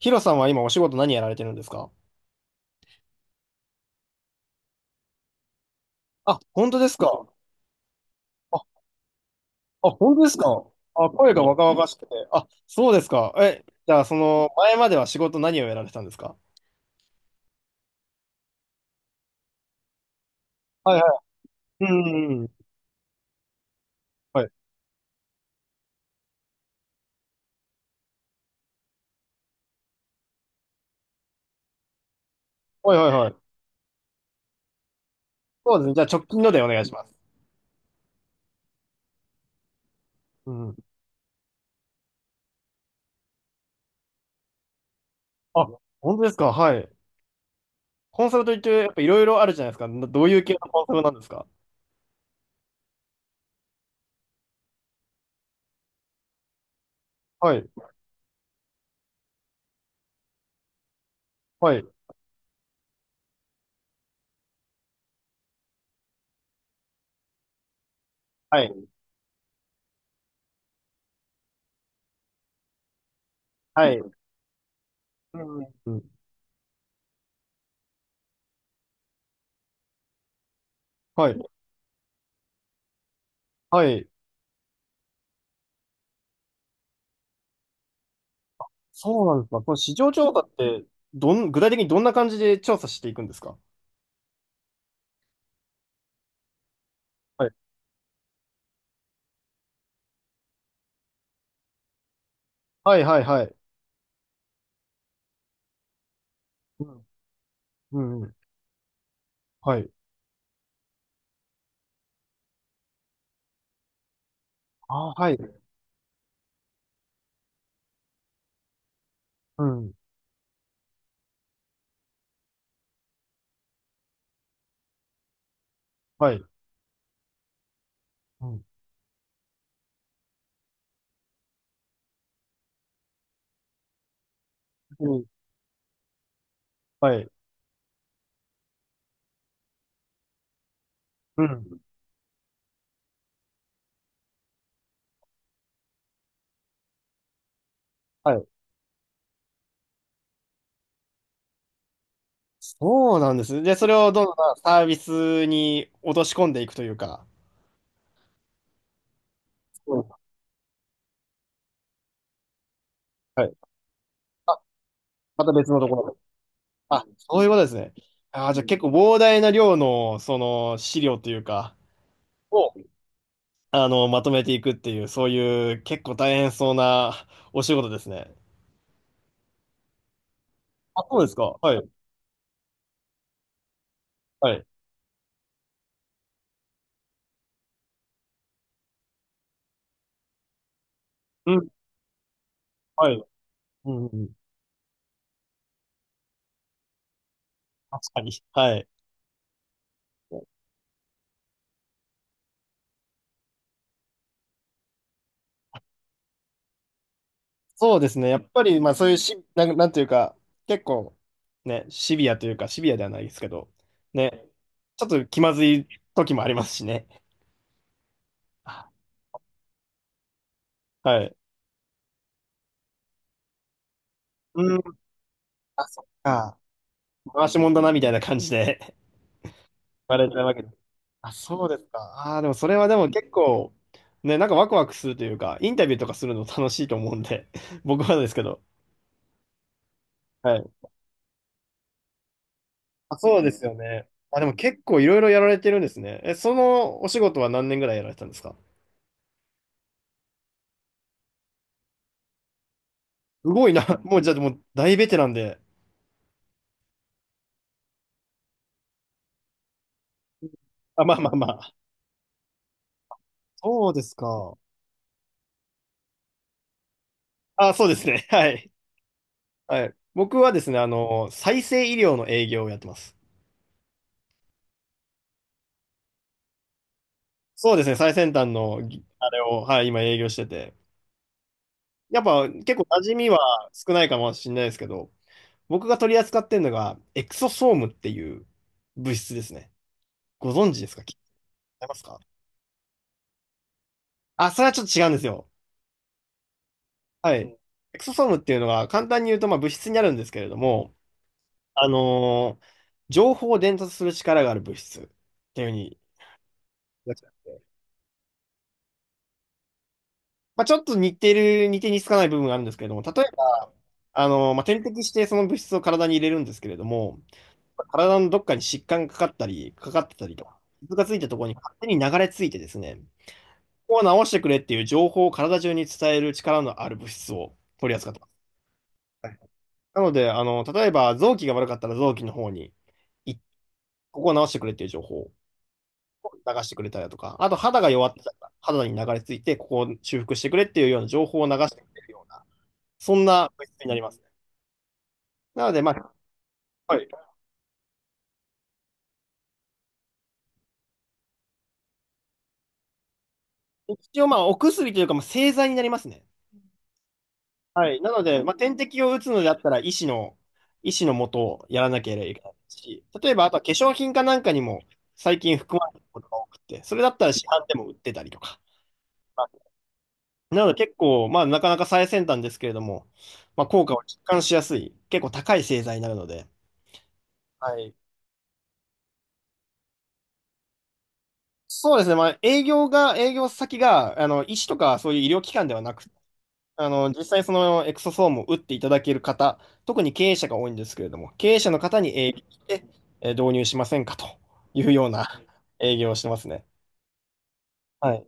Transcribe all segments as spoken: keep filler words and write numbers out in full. ヒロさんは今お仕事何やられてるんですか？あ、本当ですか？あ、あ、本当ですか？あ、声が若々しくて。あ、そうですか。え、じゃあその前までは仕事何をやられてたんですか？はいはい。うんうんうん。はい。はいはいはい。そうですね。じゃあ直近のでお願いします。うん。あ、本当ですか？はい。コンサルといってやっぱいろいろあるじゃないですか。な、どういう系のコンサルなんですか？はい。はい。はい。はい。うんうん。はい。はい。そうなんですか。この市場調査って、どん、具体的にどんな感じで調査していくんですか？はいはいはい。うん。うんうん。はい。あー、はい。うん。はい。うんうん、はい。うん。はい。そうなんです。で、それをどんどんサービスに落とし込んでいくというか。うん。はい。また別のところで。あ、そういうことですね。あー、じゃあ結構膨大な量の、その、資料というか、を、あの、まとめていくっていう、そういう結構大変そうなお仕事ですね。あ、そうですか。はい。はい。うん。はい。うんうん。確かに。はい。そうですね。やっぱり、まあそういうし、なん、なんていうか、結構、ね、シビアというか、シビアではないですけど、ね、ちょっと気まずい時もありますしね。あ、はい。うん、あ、そっか。回しもんだな、みたいな感じで 言われちゃうわけです。あ、そうですか。ああ、でもそれはでも結構、ね、なんかワクワクするというか、インタビューとかするの楽しいと思うんで、僕はですけど。はい。あ、そうですよね。あ、でも結構いろいろやられてるんですね。え、そのお仕事は何年ぐらいやられてたんですか？すごいな。もう、じゃあ、もう、大ベテランで。あ、まあまあまあ。そうですか。あ、そうですね。はい。はい。僕はですね、あの、再生医療の営業をやってます。そうですね、最先端の、ぎあれを、はい、今営業してて。やっぱ、結構馴染みは少ないかもしれないですけど、僕が取り扱ってるのが、エクソソームっていう物質ですね。ご存知ですか？聞いてますか？あ、それはちょっと違うんですよ。はい。エクソソームっていうのが、簡単に言うと、まあ、物質になるんですけれども、あのー情報を伝達する力がある物質っていうふうに言われてて、まあ、ちょっと似てる、似て似つかない部分があるんですけれども、例えば、あのーまあ、点滴してその物質を体に入れるんですけれども、体のどっかに疾患がかかったり、かかってたりとか、傷がついたところに勝手に流れ着いてですね、ここを治してくれっていう情報を体中に伝える力のある物質を取り扱ってます。はい。なので、あの、例えば臓器が悪かったら臓器の方に、い、ここを治してくれっていう情報。流してくれたりだとか、あと肌が弱ってたら、肌に流れ着いて、ここを修復してくれっていうような情報を流してくれるような、そんな物質になりますね。なので、まあ、はい、一応、まあ、お薬というか、まあ、製剤になりますね。はい。なので、まあ、点滴を打つのであったら、医師の、医師のもとをやらなければいけないし、例えば、あとは化粧品かなんかにも最近含まれてることが多くて、それだったら市販でも売ってたりとか。なので、結構、まあ、なかなか最先端ですけれども、まあ、効果を実感しやすい、結構高い製剤になるので、はい。そうですね。まあ、営業が、営業先が、あの、医師とかそういう医療機関ではなく、あの、実際そのエクソソームを打っていただける方、特に経営者が多いんですけれども、経営者の方に営業してえー導入しませんかというような営業をしてますね。はい。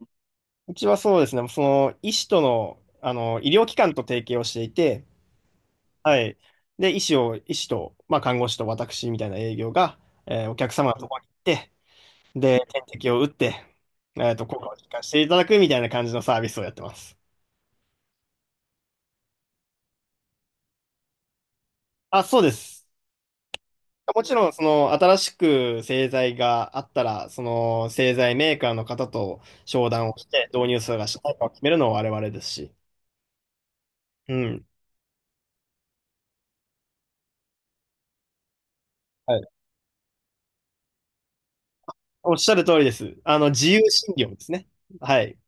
うちはそうですね。その、医師との、あの、医療機関と提携をしていて、はい。で、医師を、医師と、まあ、看護師と私みたいな営業が、えーお客様のところに行って、で、点滴を打って、えっと、効果を実感していただくみたいな感じのサービスをやってます。あ、そうです。もちろん、その、新しく製剤があったら、その、製剤メーカーの方と商談をして、導入数がしないかを決めるのは我々ですし。うん。はい。おっしゃる通りです。あの、自由診療ですね。はい。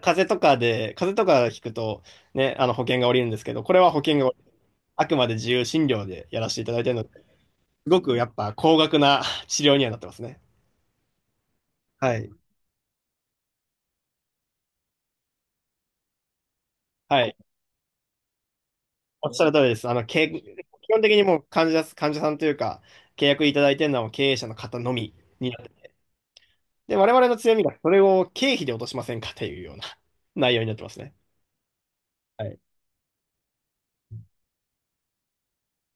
風邪とかで、風邪とか聞くと、ね、あの、保険が下りるんですけど、これは保険が、あくまで自由診療でやらせていただいているので、すごくやっぱ高額な治療にはなってますね。はい。はい。おっしゃる通りです。あの、け、基本的にもう患者、患者さんというか、契約いただいてるのはもう経営者の方のみになってる。で、我々の強みがそれを経費で落としませんかというような 内容になってますね。はい。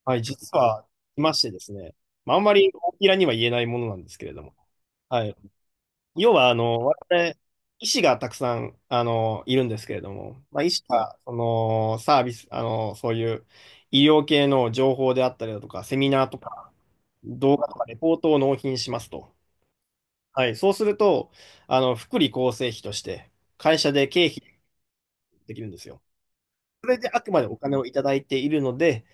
はい、実は、いましてですね。まあ、あんまり大きらには言えないものなんですけれども。はい。要は、あの、我々、医師がたくさん、あの、いるんですけれども、まあ、医師が、その、サービス、あの、そういう医療系の情報であったりだとか、セミナーとか、動画とかレポートを納品しますと。はい。そうすると、あの、福利厚生費として、会社で経費できるんですよ。それであくまでお金をいただいているので、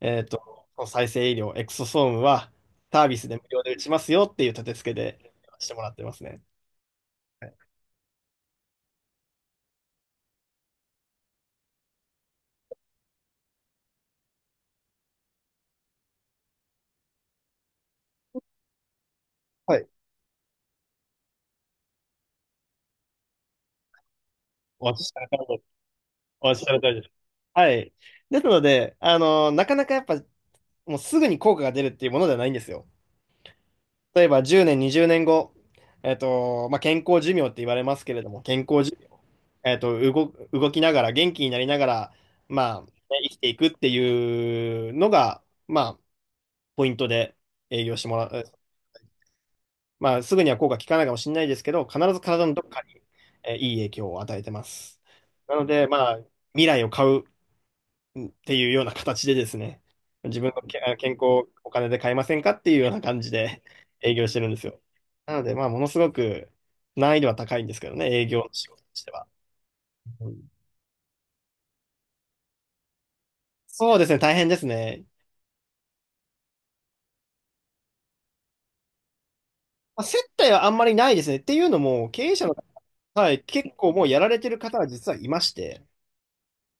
えっと、再生医療、エクソソームはサービスで無料で打ちますよっていう立て付けでしてもらってますね。はい。お待ちしてる通りです。お待ちしてる通りです。はい。ですので、あの、なかなかやっぱ、もうすぐに効果が出るっていうものではないんですよ。例えばじゅうねん、にじゅうねんご、えっと、まあ、健康寿命って言われますけれども、健康寿命、えっと、動、動きながら、元気になりながら、まあ、ね、生きていくっていうのが、まあ、ポイントで営業してもらう。まあ、すぐには効果効かないかもしれないですけど、必ず体のどっかに、えーいい影響を与えてます。なので、まあ、未来を買うっていうような形でですね、自分のけあ健康をお金で買えませんかっていうような感じで 営業してるんですよ。なので、まあ、ものすごく難易度は高いんですけどね、営業の仕事としては。うん、そうですね、大変ですね。まあ、接待はあんまりないですね。っていうのも、経営者の方、はい、結構もうやられてる方は実はいまして、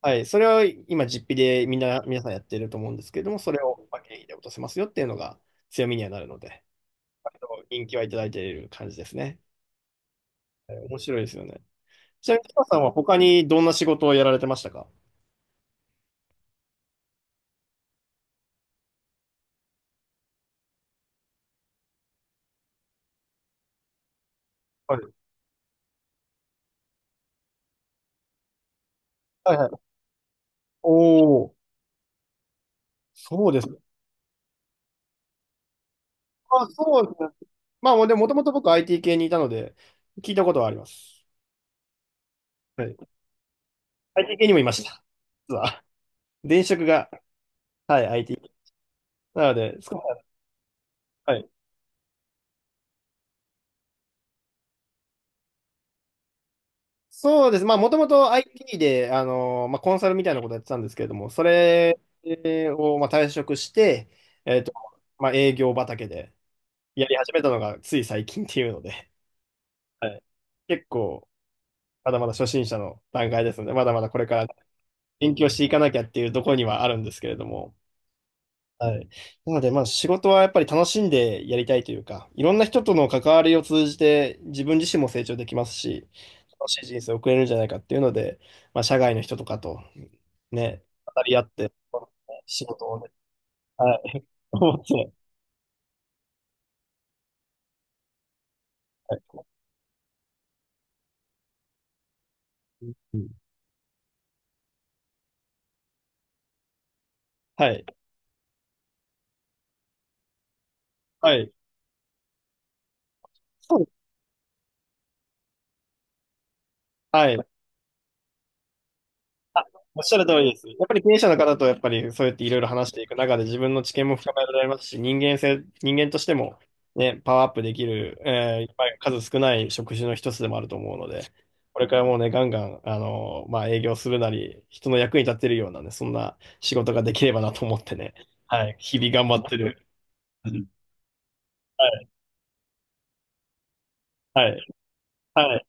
はい、それを今、実費でみんな、皆さんやってると思うんですけれども、それをまあ経費で落とせますよっていうのが強みにはなるので、人気はいただいている感じですね。はい、面白いですよね。ちなみに、北さんは他にどんな仕事をやられてましたか？はい。はいはい。おお、そうですね。あ、そうですね。まあ、でも、もともと僕 アイティー 系にいたので、聞いたことはあります。はい。アイティー 系にもいました。実は。前職が、はい、アイティー。なので、塚さん、はい。そうです。まあ、もともと アイティー で、あのまあ、コンサルみたいなことやってたんですけれども、それを、まあ、退職して、えっと、まあ、営業畑でやり始めたのがつい最近っていうので、はい、結構、まだまだ初心者の段階ですので、まだまだこれから勉強していかなきゃっていうところにはあるんですけれども。はい。なので、まあ仕事はやっぱり楽しんでやりたいというか、いろんな人との関わりを通じて自分自身も成長できますし、楽しい人生を送れるんじゃないかっていうので、まあ社外の人とかとね、語り合って、このね仕事をね、はい、思って、はい。うん、はい。はい。そうです、はい。おっしゃる通りです。やっぱり経営者の方とやっぱりそうやっていろいろ話していく中で自分の知見も深められますし、人間性、人間としてもね、パワーアップできる、えー、やっぱり数少ない職種の一つでもあると思うので、これからもうね、ガンガン、あのまあ、営業するなり、人の役に立てるようなね、そんな仕事ができればなと思ってね、はい、日々頑張ってる。はい、はい、はい。